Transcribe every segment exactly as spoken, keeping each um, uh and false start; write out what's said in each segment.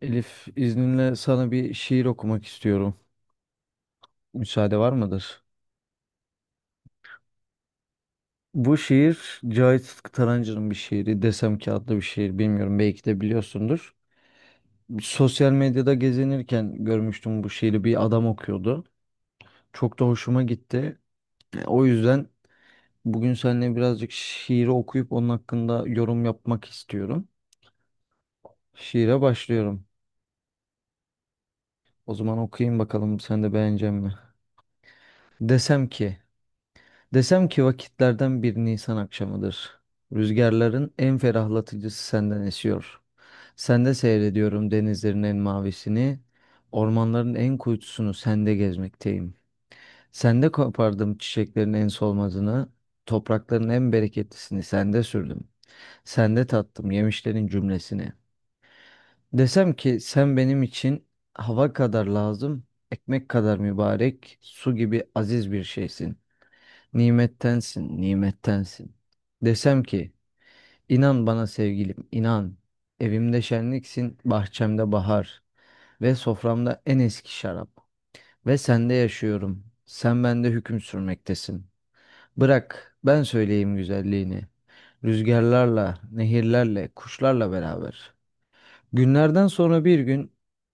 Elif, izninle sana bir şiir okumak istiyorum. Müsaade var mıdır? Bu şiir Cahit Sıtkı Tarancı'nın bir şiiri. Desem ki adlı bir şiir. Bilmiyorum belki de biliyorsundur. Sosyal medyada gezinirken görmüştüm bu şiiri. Bir adam okuyordu. Çok da hoşuma gitti. E, O yüzden bugün seninle birazcık şiiri okuyup onun hakkında yorum yapmak istiyorum. Şiire başlıyorum. O zaman okuyayım bakalım sen de beğenecek mi? Desem ki Desem ki vakitlerden bir Nisan akşamıdır. Rüzgarların en ferahlatıcısı senden esiyor. Sende seyrediyorum denizlerin en mavisini, ormanların en kuytusunu sende gezmekteyim. Sende kopardım çiçeklerin en solmazını, toprakların en bereketlisini sende sürdüm. Sende tattım yemişlerin cümlesini. Desem ki sen benim için hava kadar lazım, ekmek kadar mübarek, su gibi aziz bir şeysin. Nimettensin, nimettensin. Desem ki, inan bana sevgilim, inan. Evimde şenliksin, bahçemde bahar. Ve soframda en eski şarap. Ve sende yaşıyorum, sen bende hüküm sürmektesin. Bırak, ben söyleyeyim güzelliğini. Rüzgarlarla, nehirlerle, kuşlarla beraber. Günlerden sonra bir gün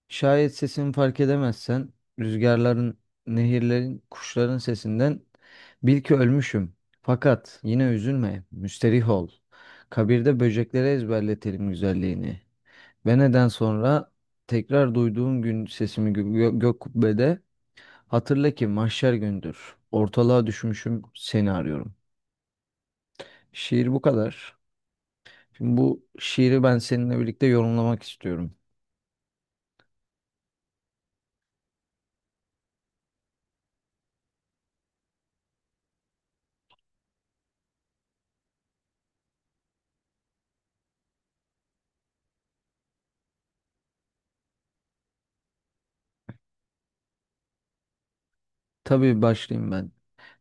şayet sesini fark edemezsen rüzgarların, nehirlerin, kuşların sesinden bil ki ölmüşüm. Fakat yine üzülme, müsterih ol. Kabirde böceklere ezberletelim güzelliğini. Ve neden sonra tekrar duyduğun gün sesimi gö gö- gök kubbede hatırla ki mahşer gündür. Ortalığa düşmüşüm, seni arıyorum. Şiir bu kadar. Şimdi bu şiiri ben seninle birlikte yorumlamak istiyorum. Tabii başlayayım ben.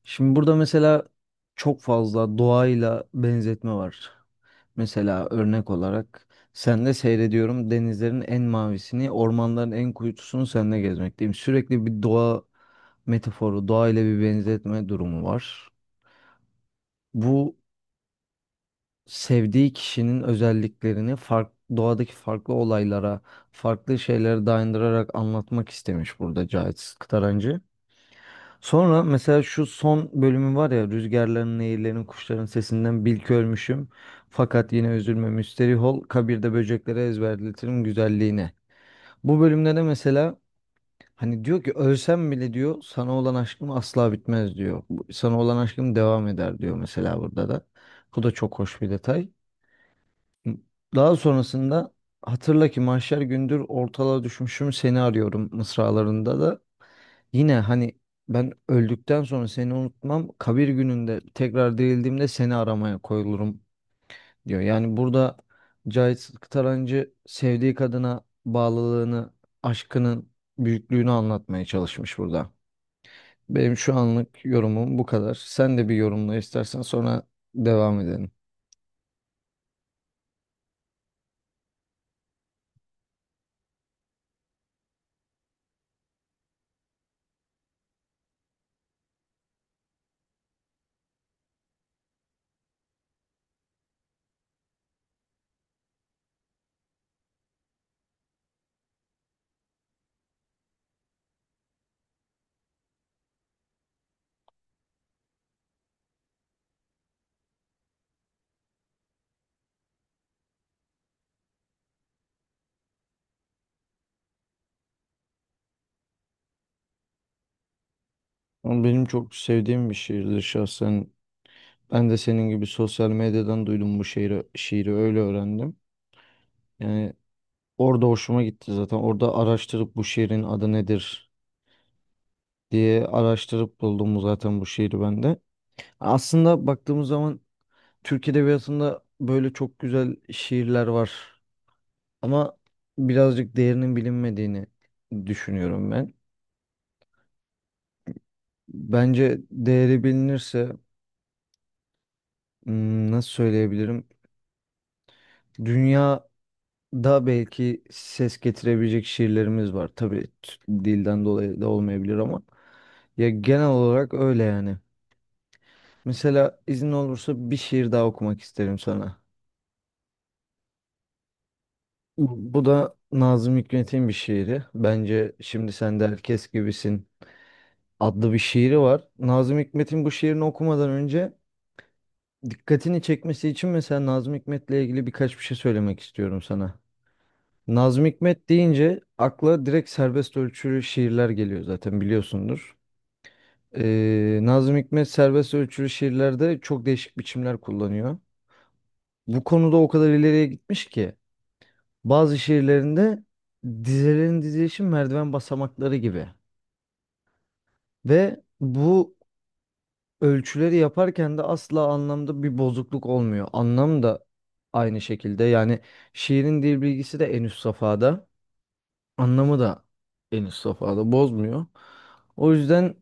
Şimdi burada mesela çok fazla doğayla benzetme var. Mesela örnek olarak sen de seyrediyorum denizlerin en mavisini, ormanların en kuytusunu seninle gezmekteyim. Sürekli bir doğa metaforu, doğayla bir benzetme durumu var. Bu sevdiği kişinin özelliklerini fark, doğadaki farklı olaylara, farklı şeylere dayandırarak anlatmak istemiş burada Cahit Kıtarancı. Sonra mesela şu son bölümü var ya rüzgarların, nehirlerin, kuşların sesinden bil ki ölmüşüm. Fakat yine üzülme müsterih ol kabirde böceklere ezberletirim güzelliğini. Bu bölümde de mesela hani diyor ki ölsem bile diyor sana olan aşkım asla bitmez diyor. Bu- Sana olan aşkım devam eder diyor mesela burada da. Bu da çok hoş bir detay. Daha sonrasında hatırla ki mahşer gündür ortalığa düşmüşüm seni arıyorum mısralarında da yine hani ben öldükten sonra seni unutmam kabir gününde tekrar dirildiğimde seni aramaya koyulurum diyor. Yani burada Cahit Tarancı sevdiği kadına bağlılığını aşkının büyüklüğünü anlatmaya çalışmış burada. Benim şu anlık yorumum bu kadar. Sen de bir yorumla istersen sonra devam edelim. Ama benim çok sevdiğim bir şiirdir şahsen. Ben de senin gibi sosyal medyadan duydum bu şiiri, şiiri öyle öğrendim. Yani orada hoşuma gitti zaten. Orada araştırıp bu şiirin adı nedir diye araştırıp buldum zaten bu şiiri ben de. Aslında baktığımız zaman Türk edebiyatında böyle çok güzel şiirler var. Ama birazcık değerinin bilinmediğini düşünüyorum ben. Bence değeri bilinirse hmm, nasıl söyleyebilirim? Dünya Daha belki ses getirebilecek şiirlerimiz var. Tabii t- dilden dolayı da olmayabilir ama ya genel olarak öyle yani. Mesela izin olursa bir şiir daha okumak isterim sana. Bu bu da Nazım Hikmet'in bir şiiri. Bence şimdi sen de herkes gibisin adlı bir şiiri var. Nazım Hikmet'in bu şiirini okumadan önce dikkatini çekmesi için mesela Nazım Hikmet'le ilgili birkaç bir şey söylemek istiyorum sana. Nazım Hikmet deyince akla direkt serbest ölçülü şiirler geliyor zaten biliyorsundur. Ee, Nazım Hikmet serbest ölçülü şiirlerde çok değişik biçimler kullanıyor. Bu konuda o kadar ileriye gitmiş ki bazı şiirlerinde dizelerin dizilişi merdiven basamakları gibi. Ve bu ölçüleri yaparken de asla anlamda bir bozukluk olmuyor. Anlam da aynı şekilde yani şiirin dil bilgisi de en üst safhada, anlamı da en üst safhada bozmuyor. O yüzden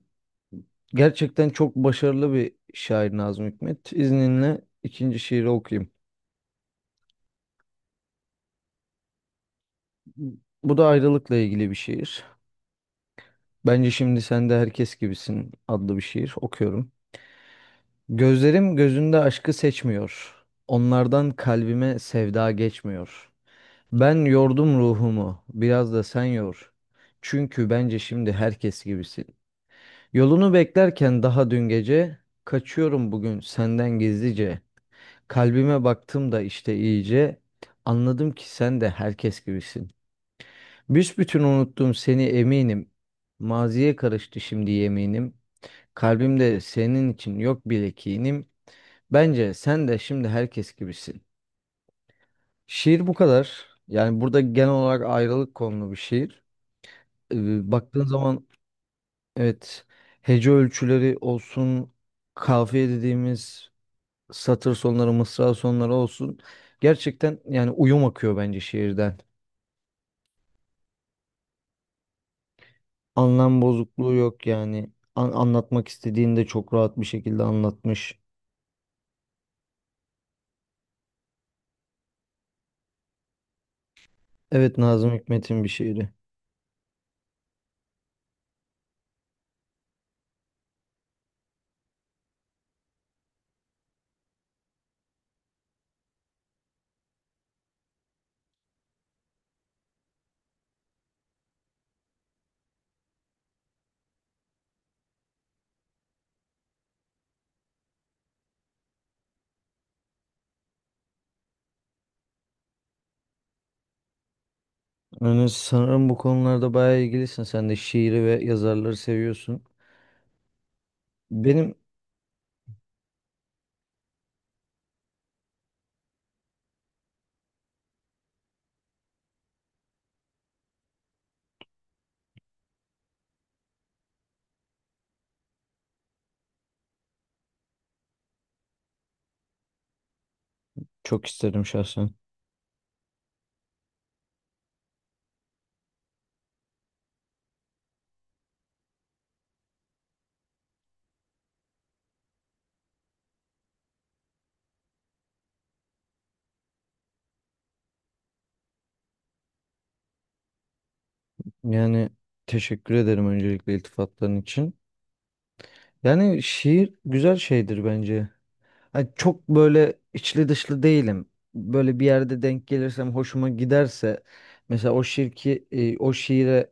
gerçekten çok başarılı bir şair Nazım Hikmet. İzninle ikinci şiiri okuyayım. Bu da ayrılıkla ilgili bir şiir. Bence şimdi sen de herkes gibisin adlı bir şiir okuyorum. Gözlerim gözünde aşkı seçmiyor. Onlardan kalbime sevda geçmiyor. Ben yordum ruhumu, biraz da sen yor. Çünkü bence şimdi herkes gibisin. Yolunu beklerken daha dün gece, kaçıyorum bugün senden gizlice. Kalbime baktım da işte iyice, anladım ki sen de herkes gibisin. Büsbütün unuttum seni eminim, maziye karıştı şimdi yeminim. Kalbimde senin için yok bile kinim, bence sen de şimdi herkes gibisin. Şiir bu kadar. Yani burada genel olarak ayrılık konulu bir şiir. Ee, baktığın zaman evet hece ölçüleri olsun, kafiye dediğimiz satır sonları, mısra sonları olsun. Gerçekten yani uyum akıyor bence şiirden. Anlam bozukluğu yok yani. An- anlatmak istediğini de çok rahat bir şekilde anlatmış. Evet Nazım Hikmet'in bir şiiri. Yani sanırım bu konularda bayağı ilgilisin. Sen de şiiri ve yazarları seviyorsun. Benim Çok isterim şahsen. Yani teşekkür ederim öncelikle iltifatların için. Yani şiir güzel şeydir bence. Hani çok böyle içli dışlı değilim. Böyle bir yerde denk gelirsem hoşuma giderse mesela o şirki e, o şiire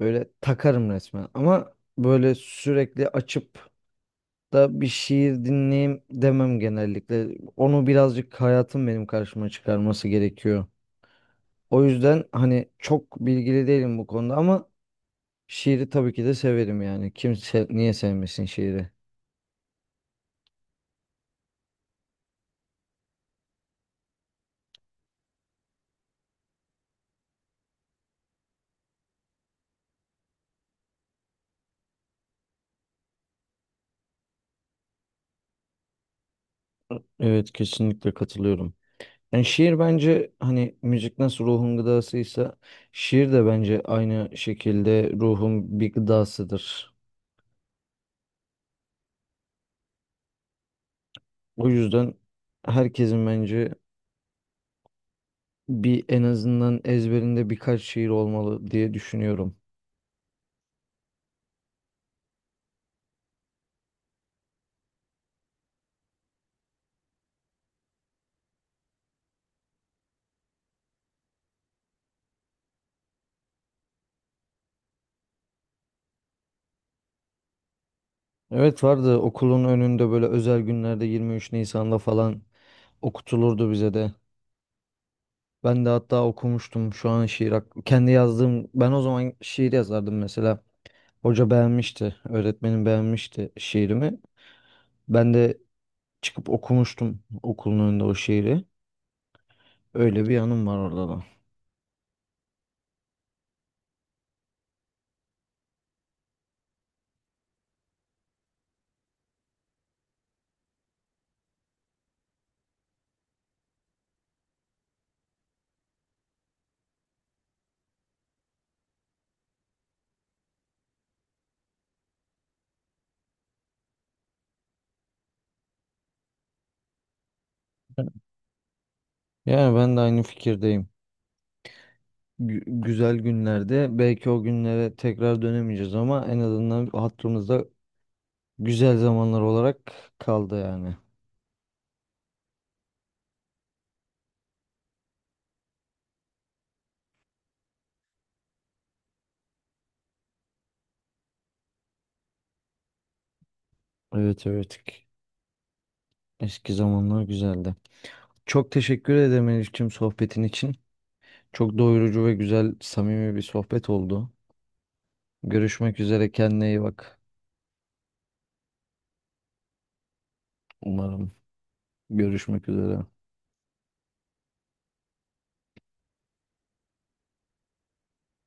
böyle takarım resmen. Ama böyle sürekli açıp da bir şiir dinleyeyim demem genellikle. Onu birazcık hayatım benim karşıma çıkarması gerekiyor. O yüzden hani çok bilgili değilim bu konuda ama şiiri tabii ki de severim yani. Kimse niye sevmesin şiiri? Evet kesinlikle katılıyorum. Yani şiir bence hani müzik nasıl ruhun gıdasıysa şiir de bence aynı şekilde ruhun bir gıdasıdır. O yüzden herkesin bence bir en azından ezberinde birkaç şiir olmalı diye düşünüyorum. Evet vardı okulun önünde böyle özel günlerde yirmi üç Nisan'da falan okutulurdu bize de. Ben de hatta okumuştum şu an şiir ak- kendi yazdığım ben o zaman şiir yazardım mesela. Hoca beğenmişti, öğretmenim beğenmişti şiirimi. Ben de çıkıp okumuştum okulun önünde o şiiri. Öyle bir yanım var orada da. Yani ben de aynı fikirdeyim. Gü- güzel günlerde belki o günlere tekrar dönemeyeceğiz ama en azından hatırımızda güzel zamanlar olarak kaldı yani. Evet, evet. Eski zamanlar güzeldi. Çok teşekkür ederim Elifçim sohbetin için. Çok doyurucu ve güzel, samimi bir sohbet oldu. Görüşmek üzere. Kendine iyi bak. Umarım görüşmek üzere.